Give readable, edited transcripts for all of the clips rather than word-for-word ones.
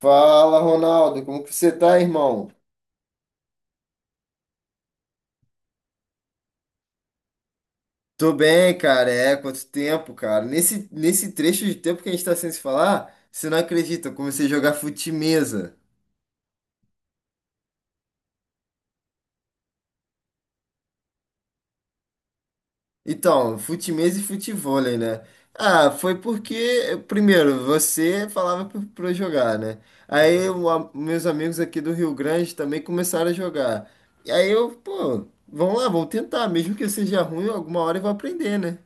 Fala, Ronaldo, como que você tá, irmão? Tô bem, cara. É, quanto tempo, cara. Nesse trecho de tempo que a gente tá sem se falar, você não acredita, eu comecei a jogar fute-mesa. Então, fute-mesa e futevôlei, né? Ah, foi porque, primeiro, você falava pra eu jogar, né? Meus amigos aqui do Rio Grande também começaram a jogar. E aí eu, pô, vamos lá, vamos tentar. Mesmo que eu seja ruim, alguma hora eu vou aprender, né?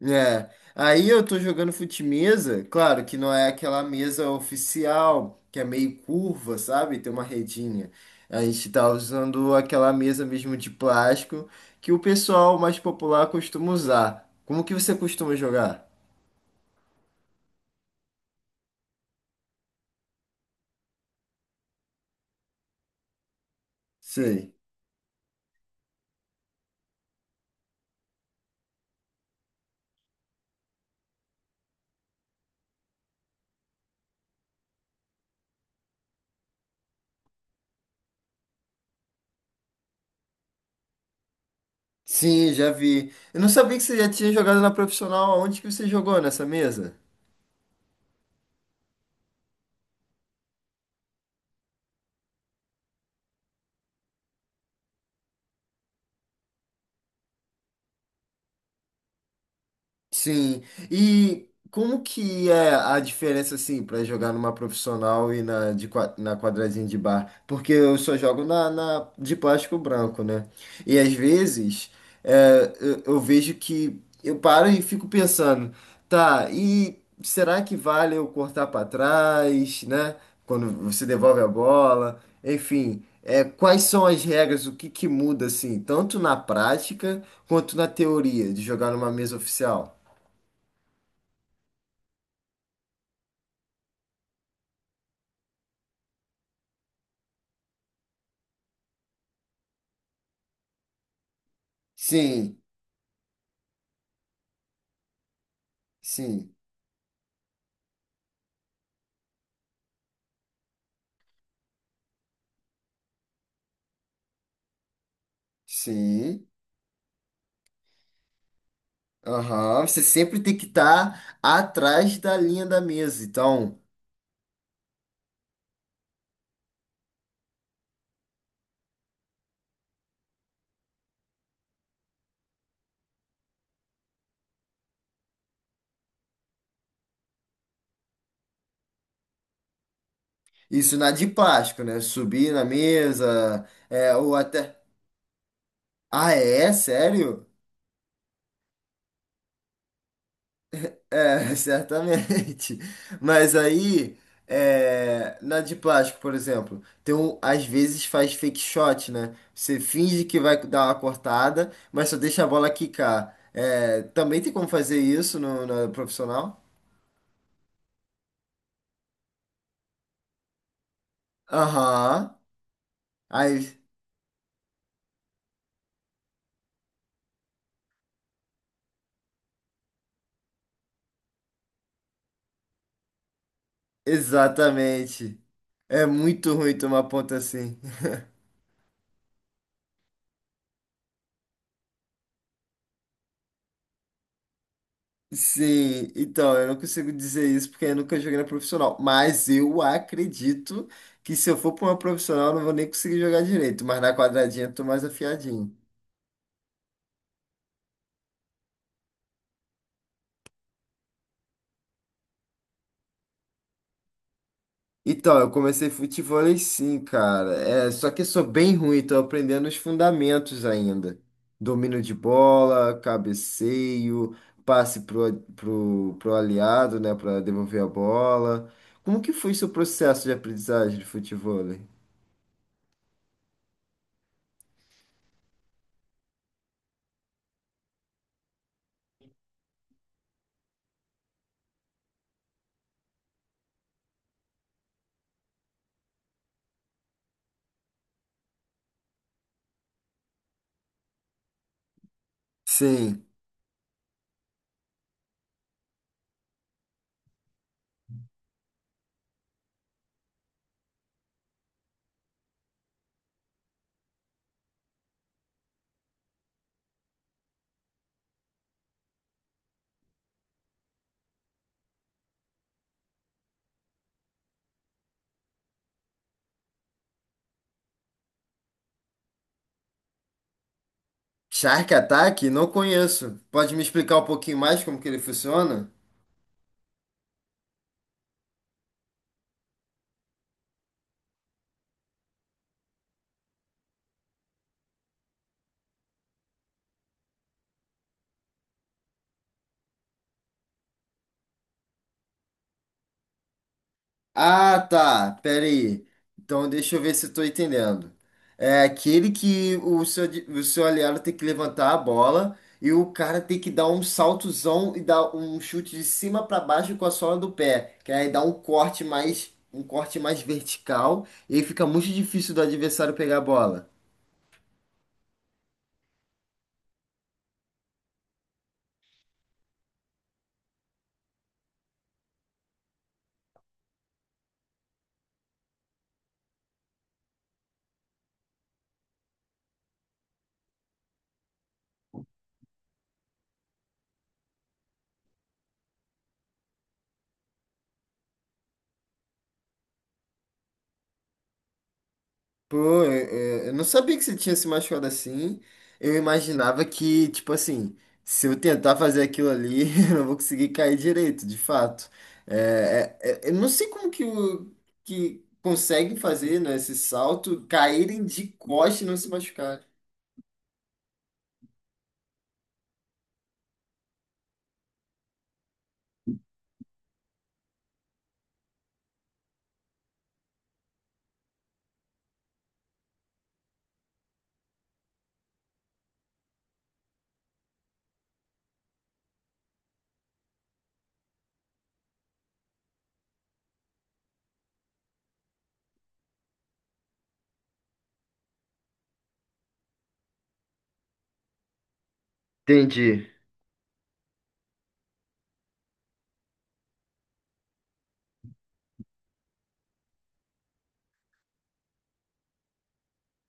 É, aí eu tô jogando fute-mesa, claro que não é aquela mesa oficial, que é meio curva, sabe? Tem uma redinha. A gente tá usando aquela mesa mesmo de plástico que o pessoal mais popular costuma usar. Como que você costuma jogar? Sei. Sim, já vi. Eu não sabia que você já tinha jogado na profissional. Onde que você jogou nessa mesa? Sim. E como que é a diferença, assim, para jogar numa profissional e na, de, na quadradinha de bar? Porque eu só jogo na, na de plástico branco, né? E às vezes é, eu vejo que eu paro e fico pensando, tá, e será que vale eu cortar para trás, né? Quando você devolve a bola, enfim. É, quais são as regras, o que que muda, assim, tanto na prática quanto na teoria de jogar numa mesa oficial? Sim, sim, sim. Aham. Você sempre tem que estar atrás da linha da mesa. Então, isso na de plástico, né? Subir na mesa, é, ou até. Ah, é? Sério? É, certamente. Mas aí, é, na de plástico, por exemplo, tem um, às vezes faz fake shot, né? Você finge que vai dar uma cortada, mas só deixa a bola quicar. É, também tem como fazer isso no, na profissional? Aham. Ai, exatamente. É muito ruim tomar ponto assim. Sim, então, eu não consigo dizer isso porque eu nunca joguei na profissional. Mas eu acredito que se eu for pra uma profissional, eu não vou nem conseguir jogar direito. Mas na quadradinha eu tô mais afiadinho. Então, eu comecei futevôlei sim, cara. É, só que eu sou bem ruim, tô aprendendo os fundamentos ainda. Domínio de bola, cabeceio, passe pro aliado, né, para devolver a bola. Como que foi seu processo de aprendizagem de futevôlei? Sim. Shark Attack? Não conheço. Pode me explicar um pouquinho mais como que ele funciona? Ah, tá. Pera aí. Então deixa eu ver se eu tô entendendo. É aquele que o seu, o seu aliado tem que levantar a bola e o cara tem que dar um saltozão e dar um chute de cima para baixo com a sola do pé, que aí dá um corte mais vertical e aí fica muito difícil do adversário pegar a bola. Pô, eu não sabia que você tinha se machucado assim. Eu imaginava que, tipo assim, se eu tentar fazer aquilo ali, eu não vou conseguir cair direito, de fato. Eu não sei como que, o, que conseguem fazer, né, esse salto, caírem de costa e não se machucar. Entendi.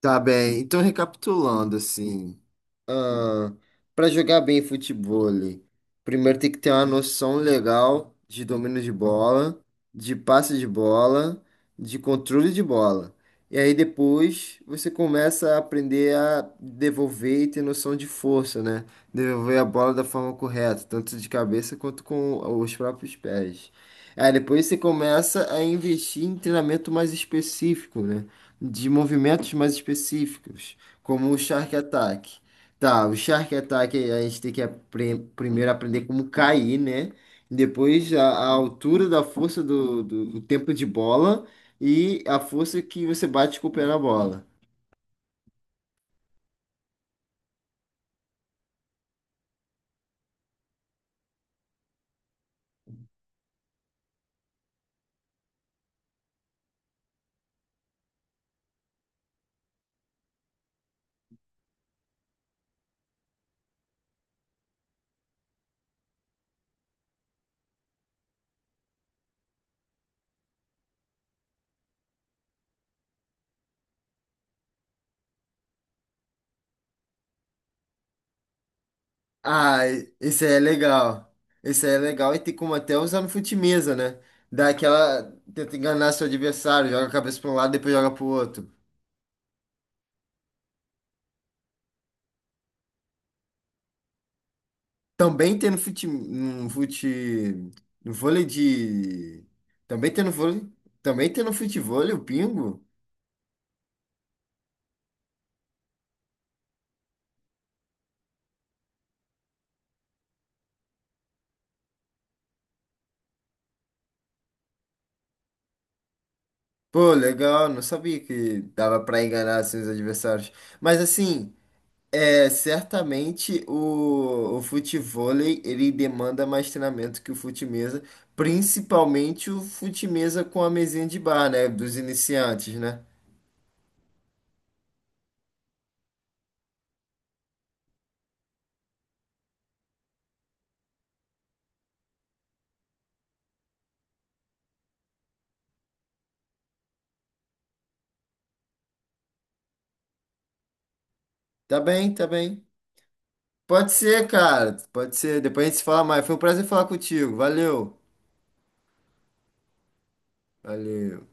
Tá bem. Então, recapitulando, assim, para jogar bem futebol, primeiro tem que ter uma noção legal de domínio de bola, de passe de bola, de controle de bola. E aí depois você começa a aprender a devolver e ter noção de força, né? Devolver a bola da forma correta, tanto de cabeça quanto com os próprios pés. Aí depois você começa a investir em treinamento mais específico, né? De movimentos mais específicos, como o Shark Attack. Tá, o Shark Attack a gente tem que primeiro aprender como cair, né? Depois a altura da força do tempo de bola e a força que você bate com o pé na bola. Ah, esse aí é legal. Esse aí é legal e tem como até usar no fute-mesa, né? Dá aquela. Tenta enganar seu adversário, joga a cabeça para um lado, depois joga pro outro. Também tem no no vôlei de, também tem no vôlei, também tem no futevôlei o pingo. Pô, legal, não sabia que dava pra enganar assim, os adversários. Mas assim, é, certamente o futevôlei, ele demanda mais treinamento que o fute-mesa, principalmente o fute-mesa com a mesinha de bar, né, dos iniciantes, né? Tá bem, tá bem. Pode ser, cara, pode ser. Depois a gente se fala mais. Foi um prazer falar contigo. Valeu. Valeu.